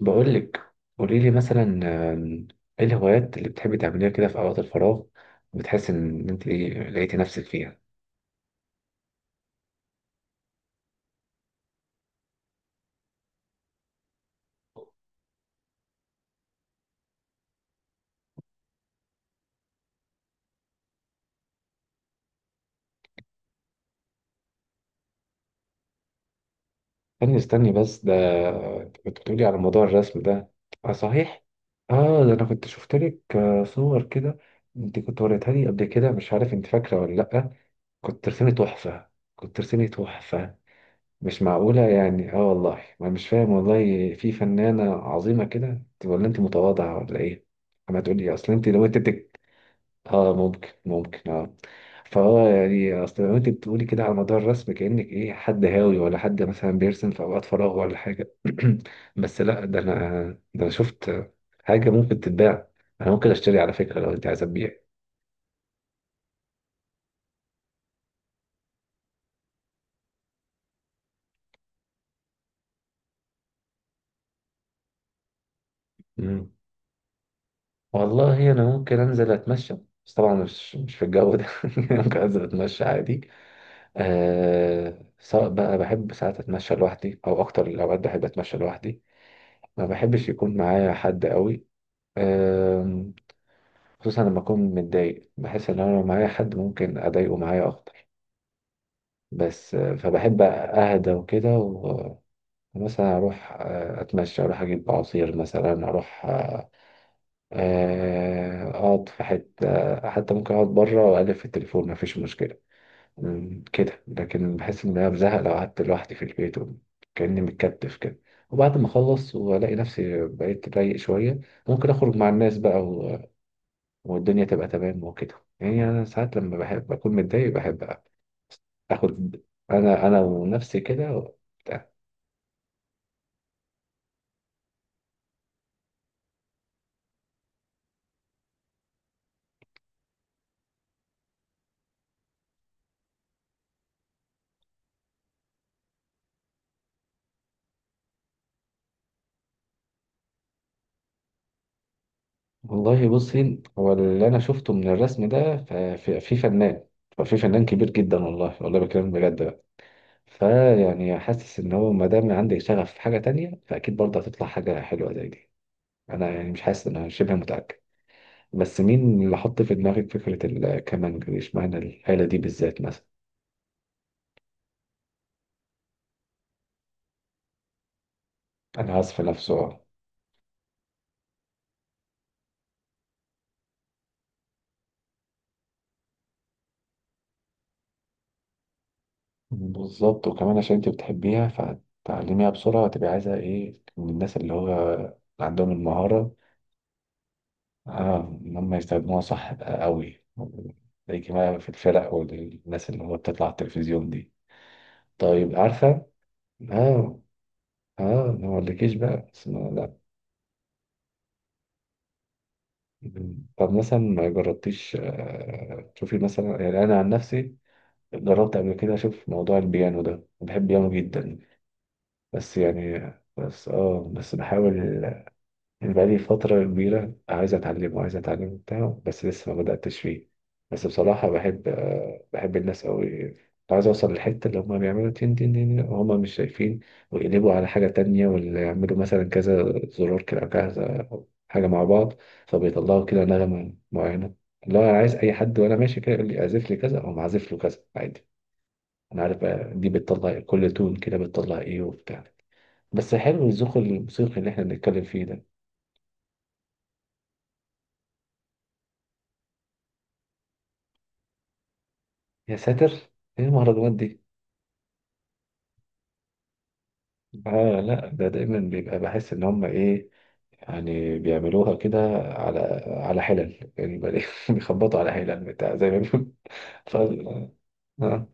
بقول لك. قولي لي مثلا، آم، ايه الهوايات اللي بتحبي تعمليها كده في اوقات الفراغ وبتحس ان انت لقيتي نفسك فيها؟ استني استني بس ده كنت بتقولي على موضوع الرسم ده. اه صحيح، اه ده انا كنت شفت لك صور كده. انت كنت وريتها لي قبل كده، مش عارف انت فاكره ولا لا. كنت ترسمي تحفه، كنت ترسمي تحفه. مش معقوله يعني، اه والله ما مش فاهم، والله في فنانه عظيمه كده ولا انت متواضعه ولا ايه؟ اما تقولي اصل انت لو انت اه، ممكن اه. فهو يعني اصل لو انت بتقولي كده على موضوع الرسم كأنك ايه، حد هاوي ولا حد مثلا بيرسم في اوقات فراغه ولا حاجة؟ بس لا ده انا، ده انا شفت حاجة ممكن تتباع. انا ممكن اشتري على فكرة لو انت عايزة تبيع. مم. والله انا ممكن انزل اتمشى، بس طبعا مش في الجو ده ممكن انزل اتمشى عادي. آه سواء بقى، بحب ساعات اتمشى لوحدي او اكتر الاوقات بحب اتمشى لوحدي. ما بحبش يكون معايا حد قوي، خصوصا لما أكون متضايق بحس إن أنا لو معايا حد ممكن أضايقه معايا أكتر. بس فبحب أهدى وكده ومثلا أروح أتمشى، أروح أجيب عصير مثلا، أروح أقعد في حتة، حتى ممكن أقعد بره وأقلب في التليفون، مفيش مشكلة. مم، كده. لكن بحس إن أنا بزهق لو قعدت لوحدي في البيت، كأني متكتف كده. وبعد ما أخلص وألاقي نفسي بقيت رايق شوية، ممكن أخرج مع الناس بقى والدنيا تبقى تمام وكده. يعني انا ساعات لما بحب اكون متضايق، بحب اخد انا ونفسي كده وبتاع. والله بصي، هو اللي انا شفته من الرسم ده في فنان، ففي فنان كبير جدا، والله والله بكلم بجد بقى. فيعني حاسس ان هو ما دام عندك شغف في حاجه تانية، فاكيد برضه هتطلع حاجه حلوه زي دي. انا يعني مش حاسس، انا شبه متاكد. بس مين اللي حط في دماغك فكره الكمانجا دي؟ اشمعنى الاله دي بالذات مثلا؟ انا اسف نفسه. بالظبط، وكمان عشان انت بتحبيها فتعلميها بسرعة، وتبقي عايزة ايه من الناس اللي هو عندهم المهارة، اه، ان هم يستخدموها صح بقى قوي. زي كمان في الفرق والناس اللي هو بتطلع على التلفزيون دي. طيب عارفة، اه اه ما اقولكيش بقى اسمها لا. طب مثلا ما جربتيش آه، تشوفي مثلا؟ يعني انا عن نفسي جربت قبل كده اشوف موضوع البيانو ده، بحب بيانو جدا. بس يعني، بس اه، بس بحاول. بقالي فترة كبيرة عايز أتعلم وعايز أتعلم وبتاع، بس لسه ما بدأتش فيه. بس بصراحة بحب بحب الناس أوي. عايز أوصل للحتة اللي هما بيعملوا تين تين تين وهما مش شايفين، ويقلبوا على حاجة تانية، واللي يعملوا مثلا كذا زرار كده أو كذا حاجة مع بعض، فبيطلعوا كده نغمة معينة. اللي هو أنا عايز أي حد وأنا ماشي كده يقول لي أعزف لي كذا أو معزف له كذا عادي، أنا عارف بقى دي بتطلع إيه، كل تون كده بتطلع إيه وبتاع. بس حلو الذوق الموسيقي اللي إحنا بنتكلم فيه ده. يا ساتر، ايه المهرجانات دي؟ آه لا، ده دايما بيبقى بحس ان هم ايه، يعني بيعملوها كده على على حلل يعني بيخبطوا على حلل بتاع زي ما بيقولوا. ف... آه.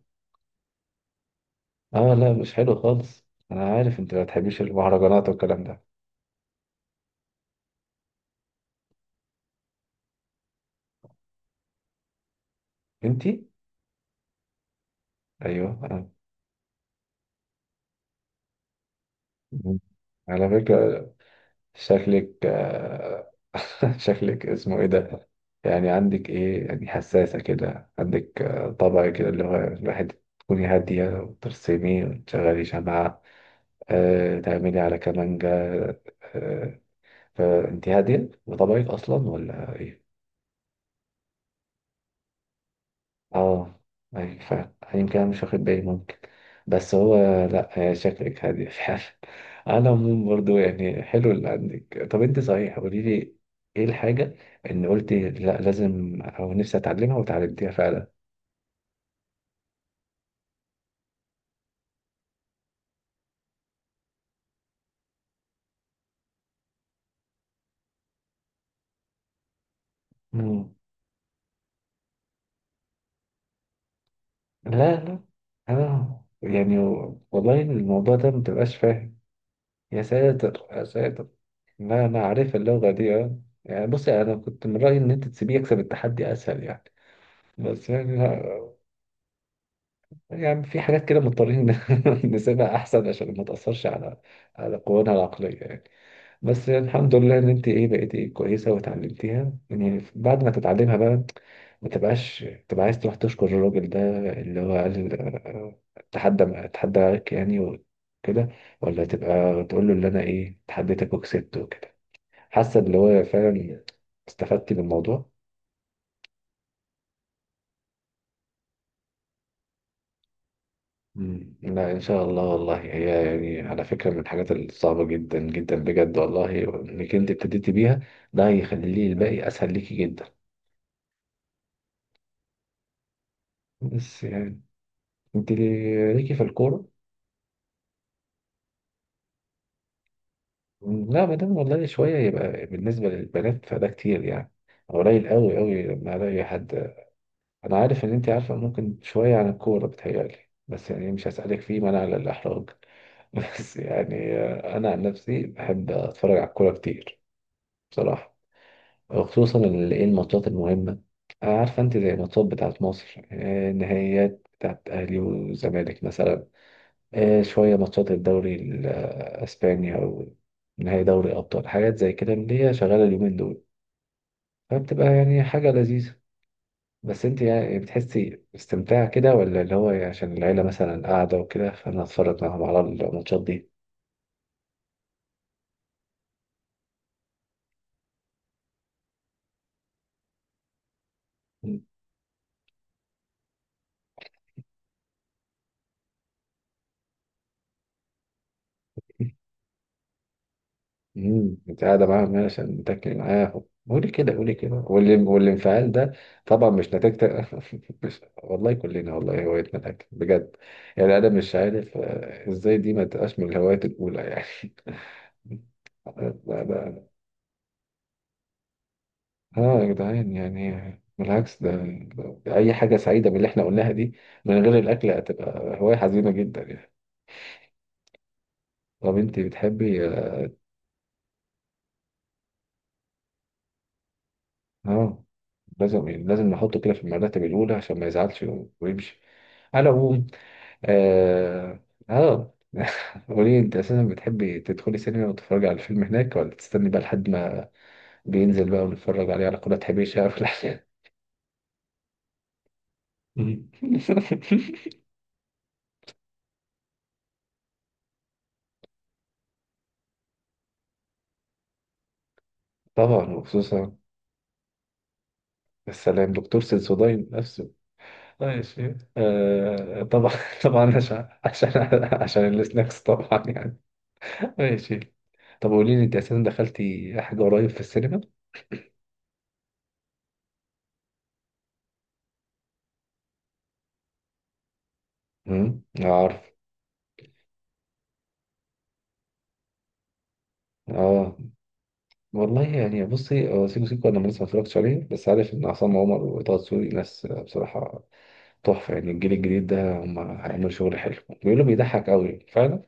اه لا مش حلو خالص. انا عارف انت ما بتحبيش المهرجانات والكلام ده. انتي. ايوه آه. على فكرة، شكلك شكلك اسمه ايه ده؟ يعني عندك ايه، يعني حساسة كده؟ عندك طبع كده اللي هو الواحد تكوني هادية وترسمي وتشغلي شمعة، أه تعملي على كمانجا، أه. فأنت هادية بطبعك أصلا ولا إيه؟ اه، اي فعلا، يمكن انا مش واخد بالي ممكن. بس هو، لا هي شكلك هادي فعلا على العموم برضو يعني حلو اللي عندك. طب انت صحيح قولي لي، ايه الحاجة ان قلتي لا لازم او نفسي اتعلمها وتعلمتيها فعلا؟ مم. لا لا، انا يعني، والله الموضوع ده متبقاش فاهم. يا ساتر يا ساتر، لا انا عارف اللغة دي اه. يعني بصي، انا كنت من رأيي ان انت تسيبيه يكسب التحدي اسهل يعني، بس يعني، يعني في حاجات كده مضطرين نسيبها احسن عشان ما تاثرش على على قوانا العقليه يعني. بس الحمد لله ان انت ايه بقيتي كويسه وتعلمتيها. يعني بعد ما تتعلمها بقى، ما تبقاش تبقى عايز تروح تشكر الراجل ده اللي هو قال آه، تحدى تحدى عليك يعني وكده، ولا تبقى تقول له اللي انا ايه تحديتك وكسبت وكده؟ حاسه اللي هو فعلا استفدتي من الموضوع. مم. لا ان شاء الله، والله هي يعني على فكره من الحاجات الصعبه جدا جدا بجد، والله انك انت ابتديتي بيها ده هيخلي لي الباقي اسهل ليكي جدا. بس يعني، انت ليكي في الكوره. مم، لا ما دام والله شويه يبقى بالنسبه للبنات فده كتير يعني، قليل قوي قوي لما الاقي حد. انا عارف ان انت عارفه ممكن شويه عن الكوره بتهيألي، بس يعني مش هسألك فيه منع على الاحراج بس يعني انا عن نفسي بحب اتفرج على الكوره كتير بصراحه، خصوصا ايه الماتشات المهمة. عارفة انت زي الماتشات بتاعت مصر، النهائيات بتاعت اهلي وزمالك مثلا، شوية ماتشات الدوري الاسباني او نهائي دوري ابطال، حاجات زي كده اللي هي شغالة اليومين دول، فبتبقى يعني حاجة لذيذة. بس انت يعني بتحسي استمتاع كده، ولا اللي هو عشان العيلة مثلا قاعدة وكده فانا اتفرج معاهم على الماتشات دي؟ امم، انت قاعده معاها هنا عشان تاكلي معاها، قولي كده قولي كده، واللي والانفعال ده طبعا مش نتيجه. مش والله، كلنا والله هوايتنا الاكل بجد. يعني انا مش عارف ازاي دي ما تبقاش من الهوايات الاولى يعني. لا لا. اه يا جدعان يعني، بالعكس ده، ده اي حاجه سعيده من اللي احنا قلناها دي، من غير الاكل هتبقى هوايه حزينه جدا يعني. طب انت بتحبي اه؟ آه، لازم يعني، لازم نحطه كده في المرتب الاولى عشان ما يزعلش ويمشي. على العموم اه. آه. قولي، انت اساسا بتحبي تدخلي سينما وتتفرجي على الفيلم هناك، ولا تستني بقى لحد ما بينزل بقى ونتفرج عليه على قناة حبيشة أو لا؟ طبعا، وخصوصا السلام دكتور سنسوداين نفسه. اه يا شيخ، آه طبعا طبعا عشان عشان السناكس طبعا يعني. اه يا شيخ. طب قولي لي انت اساسا دخلتي حاجة قريب في السينما؟ امم، عارف. اه والله يعني بصي، هو سيكو سيكو انا لسه ما اتفرجتش عليه، بس عارف ان عصام عمر وطه دسوقي ناس بصراحه تحفه، يعني الجيل الجديد ده هم هيعملوا شغل حلو. بيقولوا بيضحك قوي فعلا.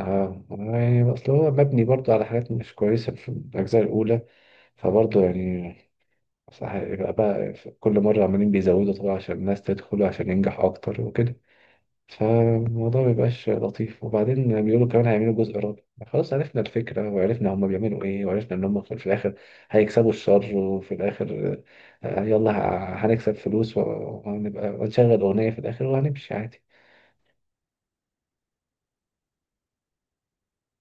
اه يعني اصل هو مبني برضه على حاجات مش كويسه في الاجزاء الاولى، فبرضه يعني صح، يبقى بقى كل مره عمالين بيزودوا طبعا عشان الناس تدخل وعشان ينجح اكتر وكده، فالموضوع مبيبقاش لطيف. وبعدين بيقولوا كمان هيعملوا جزء رابع، خلاص عرفنا الفكرة، وعرفنا هما بيعملوا ايه، وعرفنا ان هما في الآخر هيكسبوا الشر، وفي الآخر يلا هنكسب فلوس وهنبقى ونشغل أغنية في الآخر وهنمشي عادي.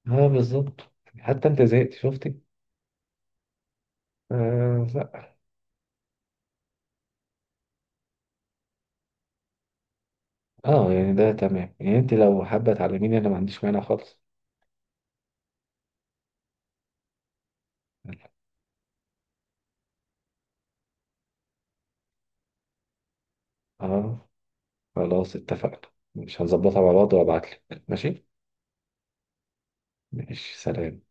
اه بالظبط. حتى انت زهقت شفتي. آه لا. اه يعني ده تمام يعني، انت لو حابة تعلميني انا ما عنديش مانع خالص. اه خلاص اتفقنا، مش هنظبطها مع بعض وابعتلك ماشي؟ ماشي سلام.